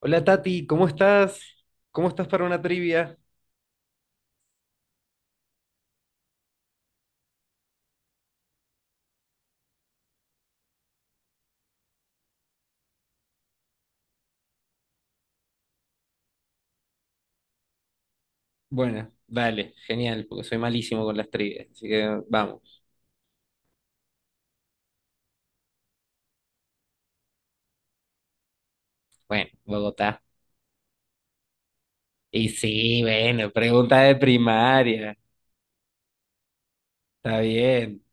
Hola Tati, ¿cómo estás? ¿Cómo estás para una trivia? Bueno, vale, genial, porque soy malísimo con las trivias, así que vamos. Bueno, Bogotá. Y sí, bueno, pregunta de primaria, está bien.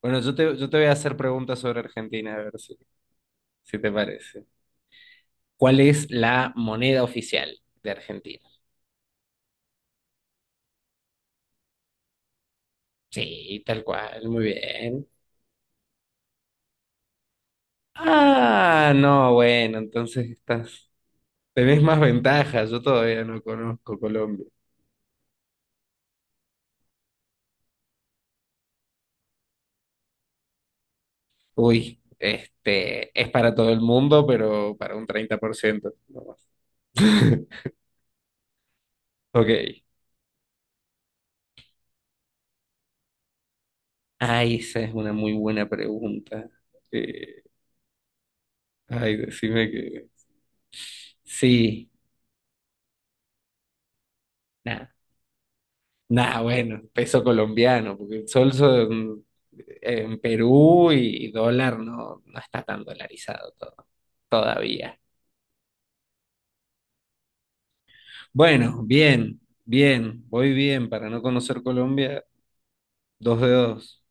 Bueno, yo te voy a hacer preguntas sobre Argentina, a ver si, si te parece. ¿Cuál es la moneda oficial de Argentina? Sí, tal cual, muy bien. Ah, no, bueno, entonces estás, tenés más ventajas, yo todavía no conozco Colombia. Uy, este, es para todo el mundo, pero para un 30%. No. Ok. Ay, esa es una muy buena pregunta. Eh, Ay, decime que... Sí, nada. Nada, bueno, peso colombiano, porque el sol son- en Perú y dólar no, no está tan dolarizado todo, todavía. Bueno, bien, bien, voy bien. Para no conocer Colombia, dos de dos.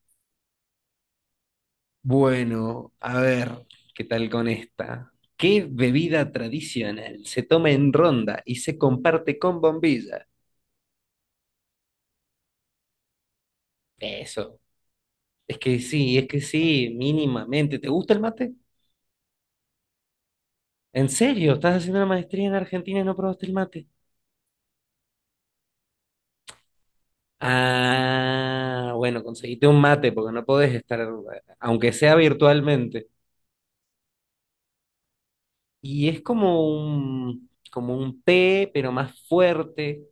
Bueno, a ver, ¿qué tal con esta? ¿Qué bebida tradicional se toma en ronda y se comparte con bombilla? Eso. Es que sí, mínimamente. ¿Te gusta el mate? ¿En serio? ¿Estás haciendo una maestría en Argentina y no probaste el mate? Ah, bueno, conseguiste un mate porque no podés estar, aunque sea virtualmente. Y es como como un té, pero más fuerte,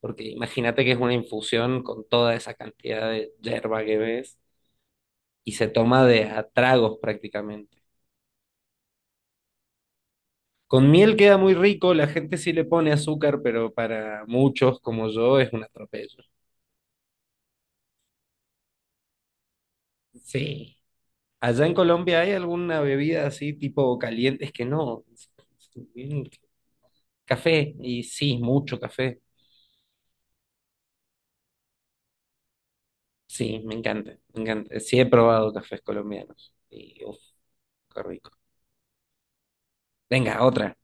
porque imagínate que es una infusión con toda esa cantidad de yerba que ves y se toma de a tragos prácticamente. Con miel queda muy rico, la gente sí le pone azúcar, pero para muchos como yo es un atropello. Sí. Allá en Colombia hay alguna bebida así tipo caliente, es que no. Mm, Café, y sí, mucho café. Sí, me encanta, me encanta. Sí he probado cafés colombianos. Y uff, qué rico. Venga, otra.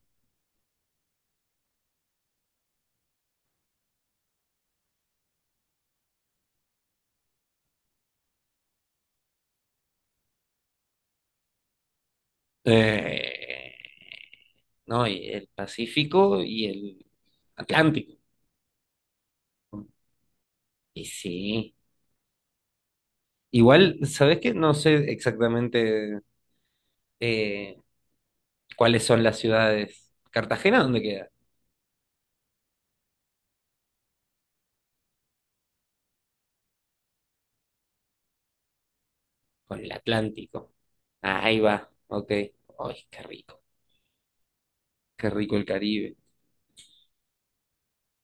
Eh, No, y el Pacífico y el Atlántico. Y sí. Igual, ¿sabes qué? No sé exactamente eh, cuáles son las ciudades. ¿Cartagena dónde queda? Con el Atlántico. Ah, ahí va, ok. Ay, qué rico. Qué rico el Caribe.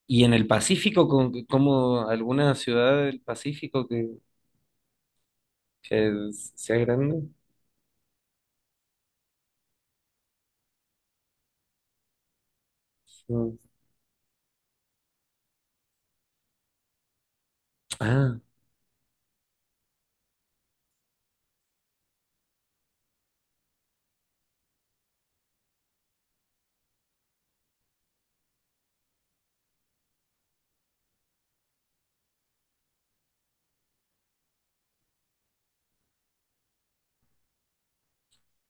¿Y en el Pacífico, con, como alguna ciudad del Pacífico que sea grande? No. Ah,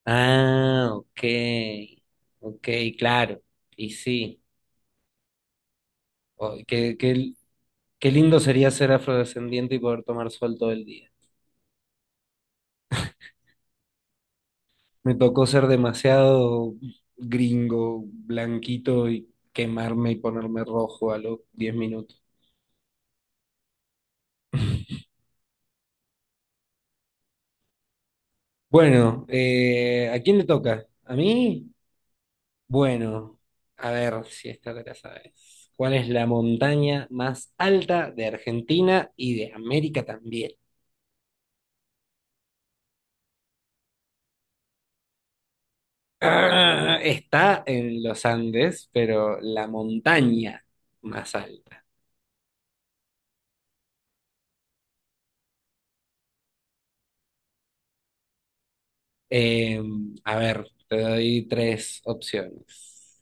ah, ok. Ok, claro. Y sí. Oh, qué, qué qué lindo sería ser afrodescendiente y poder tomar sol todo el día. Me tocó ser demasiado gringo, blanquito y quemarme y ponerme rojo a los 10 minutos. Bueno, ¿a quién le toca? ¿A mí? Bueno, a ver si esta te la sabes. ¿Cuál es la montaña más alta de Argentina y de América también? Ah, está en los Andes, pero la montaña más alta. Eh, a ver, te doy tres opciones.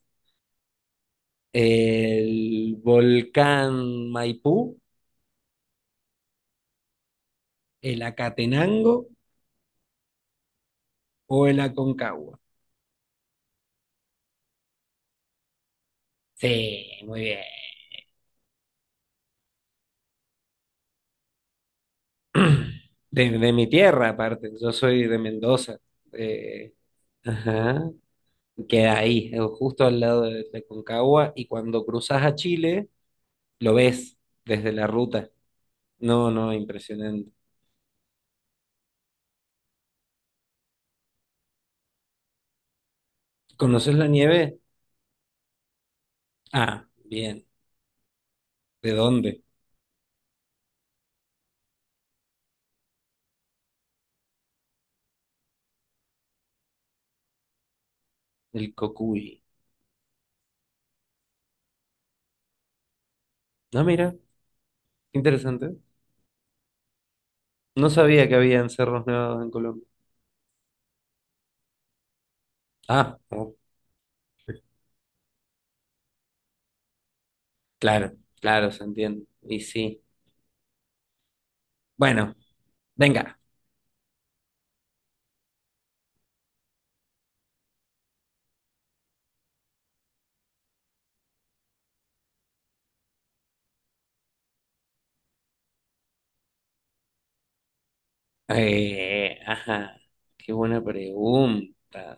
El volcán Maipú, el Acatenango o el Aconcagua. Sí, muy bien. De mi tierra, aparte. Yo soy de Mendoza. Eh, ajá. Queda ahí, justo al lado de Aconcagua. Y cuando cruzas a Chile, lo ves desde la ruta. No, no, impresionante. ¿Conoces la nieve? Ah, bien. ¿De dónde? El Cocuy. No, mira, qué interesante. No sabía que había cerros nevados en Colombia. Ah, oh, claro, claro, se entiende. Y sí. Bueno, venga. Ajá, qué buena pregunta.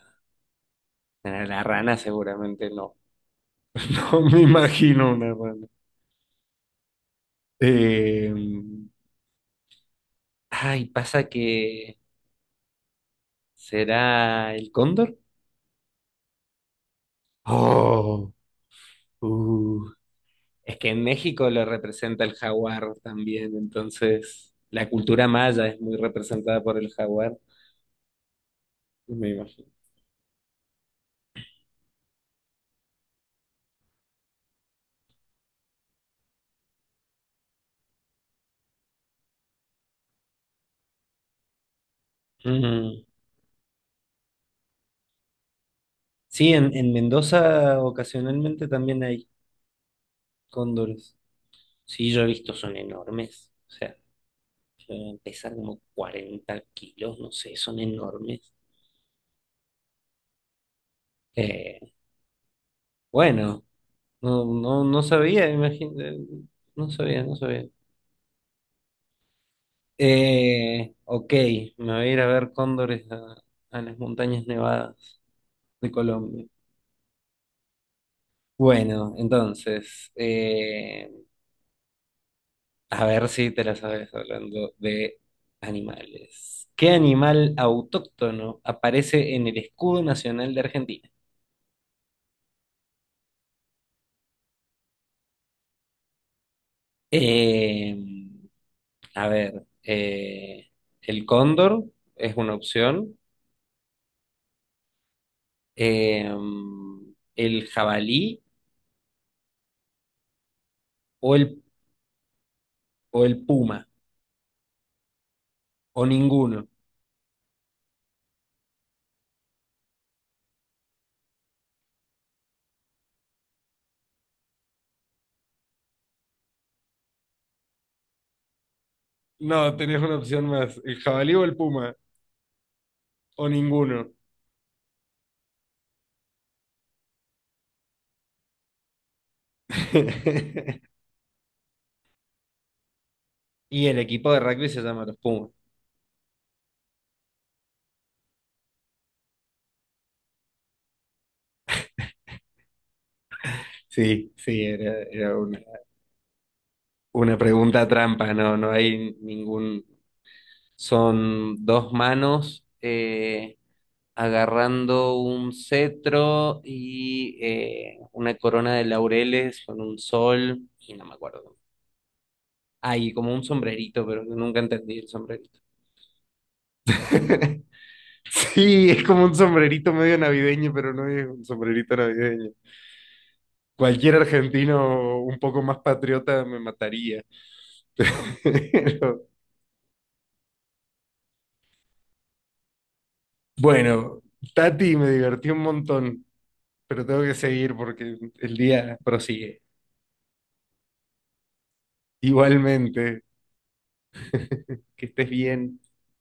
Bueno, la rana seguramente no. No me imagino una rana. Eh, Ay, pasa que será el cóndor. Oh, uh. Es que en México lo representa el jaguar también, entonces la cultura maya es muy representada por el jaguar, me imagino. Mm. Sí, en Mendoza ocasionalmente también hay cóndores. Sí, yo he visto, son enormes. O sea, pesan como 40 kilos, no sé, son enormes. Eh, bueno, no sabía, imagínate, no sabía. Ok, me voy a ir a ver cóndores a las montañas nevadas de Colombia. Bueno, entonces, a ver si te la sabes hablando de animales. ¿Qué animal autóctono aparece en el escudo nacional de Argentina? Eh, a ver, el cóndor es una opción, eh, el jabalí o el, o el puma, o ninguno. No, tenés una opción más, el jabalí o el puma, o ninguno. Y el equipo de rugby se llama los Pumas. Sí, sí, una pregunta trampa, no, no hay ningún... Son dos manos agarrando un cetro y una corona de laureles con un sol y no me acuerdo. Hay como un sombrerito, pero nunca entendí el sombrerito. Sí, es como un sombrerito medio navideño, pero no es un sombrerito navideño. Cualquier argentino un poco más patriota me mataría. Pero, bueno, Tati, me divertí un montón, pero tengo que seguir porque el día prosigue. Igualmente, que estés bien.